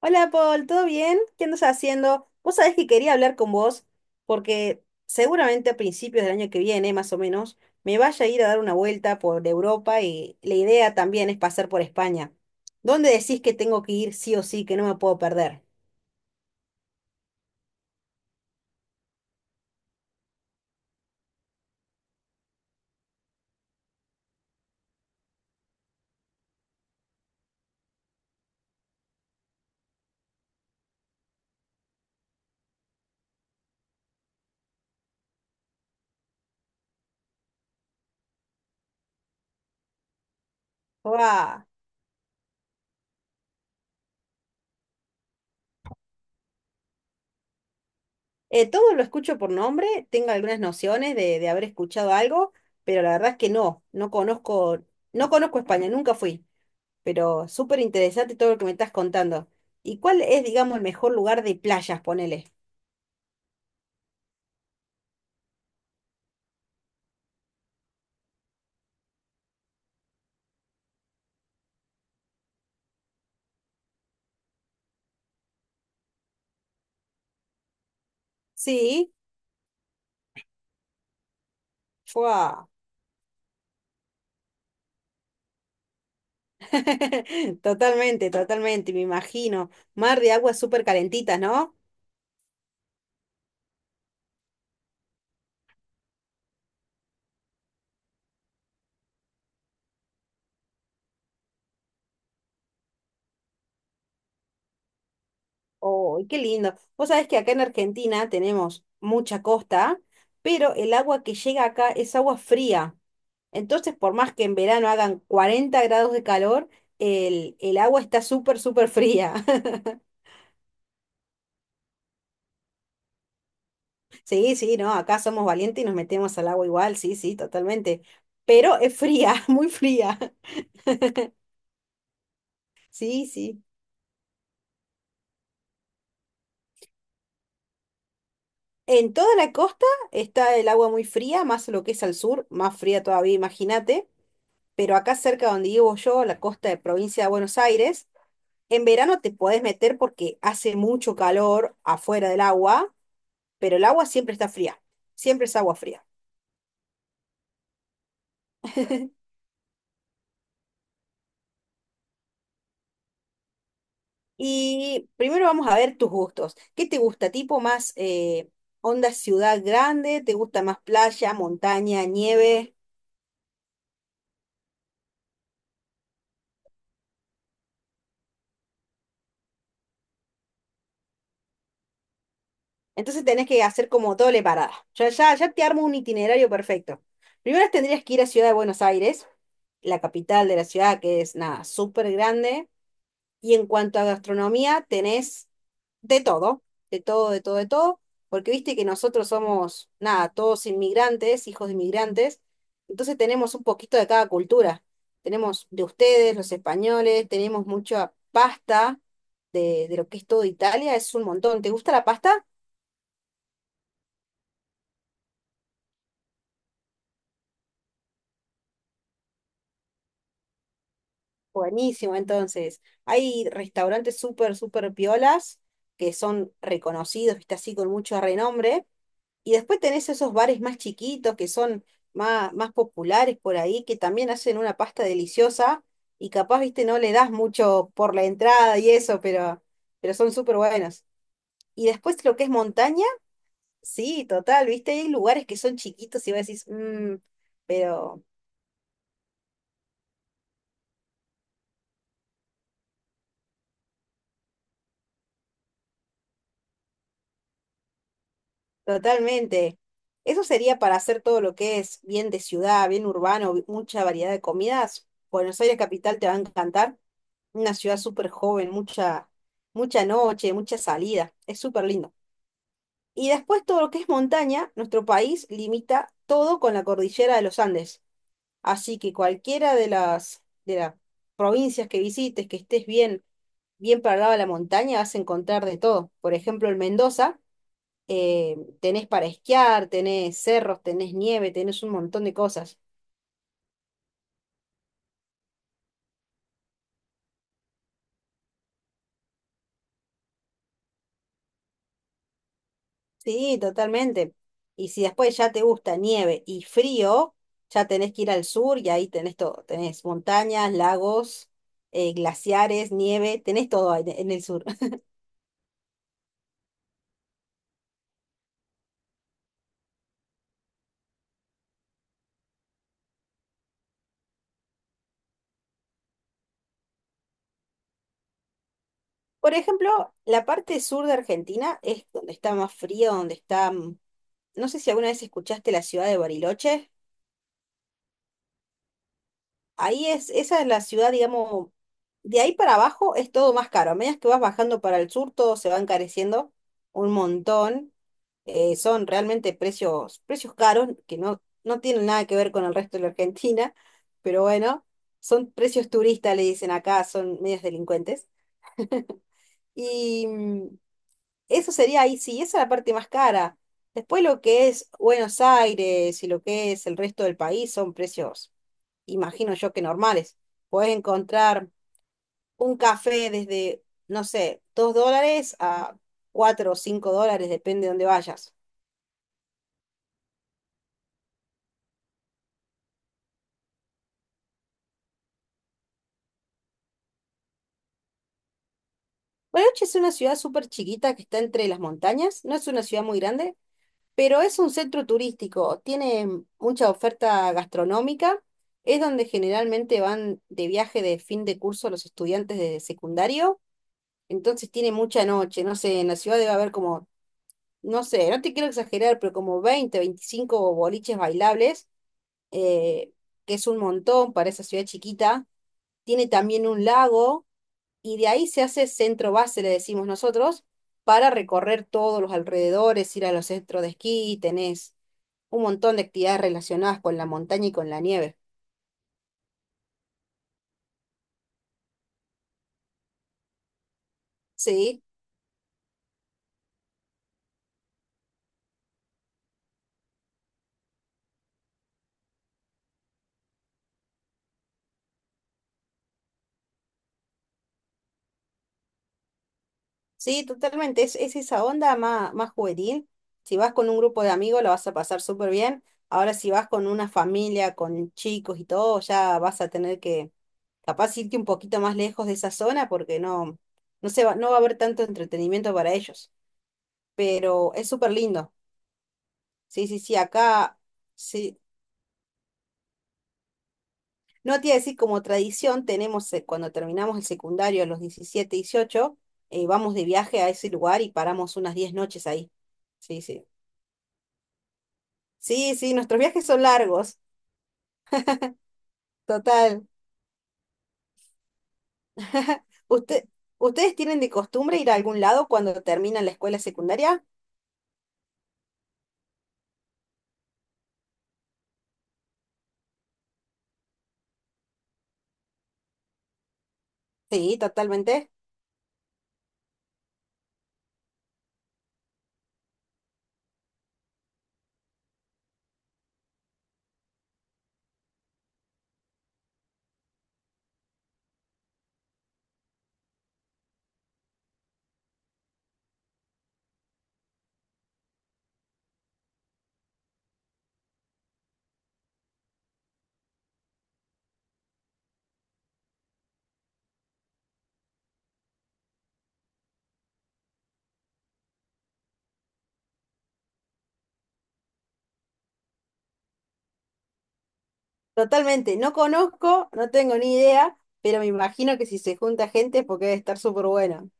Hola Paul, ¿todo bien? ¿Qué andas haciendo? Vos sabés que quería hablar con vos porque seguramente a principios del año que viene, más o menos, me vaya a ir a dar una vuelta por Europa y la idea también es pasar por España. ¿Dónde decís que tengo que ir sí o sí, que no me puedo perder? ¡Buah! Todo lo escucho por nombre, tengo algunas nociones de haber escuchado algo, pero la verdad es que no conozco, no conozco España, nunca fui. Pero súper interesante todo lo que me estás contando. ¿Y cuál es, digamos, el mejor lugar de playas, ponele? Sí, ¡fua! Totalmente, totalmente, me imagino. Mar de aguas súper calentitas, ¿no? ¡Oh, qué lindo! Vos sabés que acá en Argentina tenemos mucha costa, pero el agua que llega acá es agua fría. Entonces, por más que en verano hagan 40 grados de calor, el agua está súper, súper fría. Sí, sí, no, acá somos valientes y nos metemos al agua igual, sí, sí, totalmente. Pero es fría, muy fría. Sí, sí. En toda la costa está el agua muy fría, más lo que es al sur, más fría todavía, imagínate. Pero acá cerca donde vivo yo, la costa de provincia de Buenos Aires, en verano te podés meter porque hace mucho calor afuera del agua, pero el agua siempre está fría, siempre es agua fría. Y primero vamos a ver tus gustos. ¿Qué te gusta? ¿Tipo más onda ciudad grande? ¿Te gusta más playa, montaña, nieve? Entonces tenés que hacer como doble parada. Ya te armo un itinerario perfecto. Primero tendrías que ir a Ciudad de Buenos Aires, la capital de la ciudad, que es nada, súper grande. Y en cuanto a gastronomía, tenés de todo, de todo, de todo, de todo, porque viste que nosotros somos, nada, todos inmigrantes, hijos de inmigrantes, entonces tenemos un poquito de cada cultura. Tenemos de ustedes, los españoles, tenemos mucha pasta de lo que es todo Italia, es un montón. ¿Te gusta la pasta? Buenísimo, entonces. Hay restaurantes súper, súper piolas que son reconocidos, viste así, con mucho renombre. Y después tenés esos bares más chiquitos que son más populares por ahí, que también hacen una pasta deliciosa y capaz, viste, no le das mucho por la entrada y eso, pero son súper buenos. Y después lo que es montaña, sí, total, viste, hay lugares que son chiquitos y vos decís, "Mm", pero totalmente. Eso sería para hacer todo lo que es bien de ciudad, bien urbano, mucha variedad de comidas. Buenos Aires capital te va a encantar. Una ciudad súper joven, mucha noche, mucha salida. Es súper lindo. Y después todo lo que es montaña, nuestro país limita todo con la cordillera de los Andes. Así que cualquiera de las provincias que visites, que estés bien, bien para el lado de la montaña, vas a encontrar de todo. Por ejemplo, en Mendoza, tenés para esquiar, tenés cerros, tenés nieve, tenés un montón de cosas. Sí, totalmente. Y si después ya te gusta nieve y frío, ya tenés que ir al sur y ahí tenés todo. Tenés montañas, lagos, glaciares, nieve, tenés todo en el sur. Por ejemplo, la parte sur de Argentina es donde está más frío, donde está... no sé si alguna vez escuchaste la ciudad de Bariloche. Ahí es, esa es la ciudad, digamos, de ahí para abajo es todo más caro. A medida que vas bajando para el sur, todo se va encareciendo un montón. Son realmente precios, precios caros que no tienen nada que ver con el resto de la Argentina, pero bueno, son precios turistas, le dicen acá, son medios delincuentes. Y eso sería ahí, sí, esa es la parte más cara. Después lo que es Buenos Aires y lo que es el resto del país son precios imagino yo que normales. Podés encontrar un café desde, no sé, 2 dólares a 4 o 5 dólares, depende de dónde vayas. Bariloche es una ciudad súper chiquita que está entre las montañas, no es una ciudad muy grande, pero es un centro turístico, tiene mucha oferta gastronómica, es donde generalmente van de viaje de fin de curso los estudiantes de secundario, entonces tiene mucha noche, no sé, en la ciudad debe haber como no sé, no te quiero exagerar, pero como 20, 25 boliches bailables, eh, que es un montón para esa ciudad chiquita. Tiene también un lago y de ahí se hace centro base, le decimos nosotros, para recorrer todos los alrededores, ir a los centros de esquí, tenés un montón de actividades relacionadas con la montaña y con la nieve. Sí. Sí, totalmente. Es esa onda más, más juvenil. Si vas con un grupo de amigos, lo vas a pasar súper bien. Ahora, si vas con una familia, con chicos y todo, ya vas a tener que, capaz, irte un poquito más lejos de esa zona porque no, no se va, no va a haber tanto entretenimiento para ellos. Pero es súper lindo. Sí, sí, sí. Acá, sí. No te iba a decir, como tradición, tenemos cuando terminamos el secundario a los 17, 18 vamos de viaje a ese lugar y paramos unas 10 noches ahí. Sí, sí. Sí, sí, nuestros viajes son largos, total. ¿Usted, ustedes tienen de costumbre ir a algún lado cuando terminan la escuela secundaria? Sí, totalmente. Totalmente. No conozco, no tengo ni idea, pero me imagino que si se junta gente es porque debe estar súper bueno.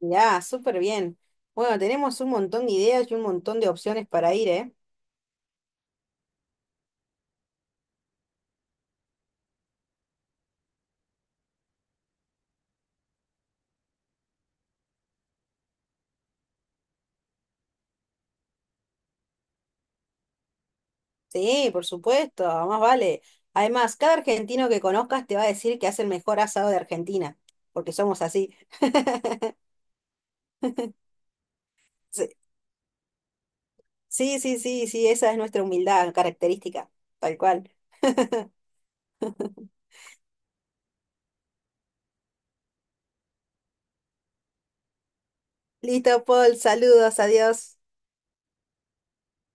Ya, súper bien. Bueno, tenemos un montón de ideas y un montón de opciones para ir, ¿eh? Sí, por supuesto, más vale. Además, cada argentino que conozcas te va a decir que hace el mejor asado de Argentina, porque somos así. Sí, sí, sí, sí, esa es nuestra humildad característica, tal cual. Listo, Paul, saludos, adiós.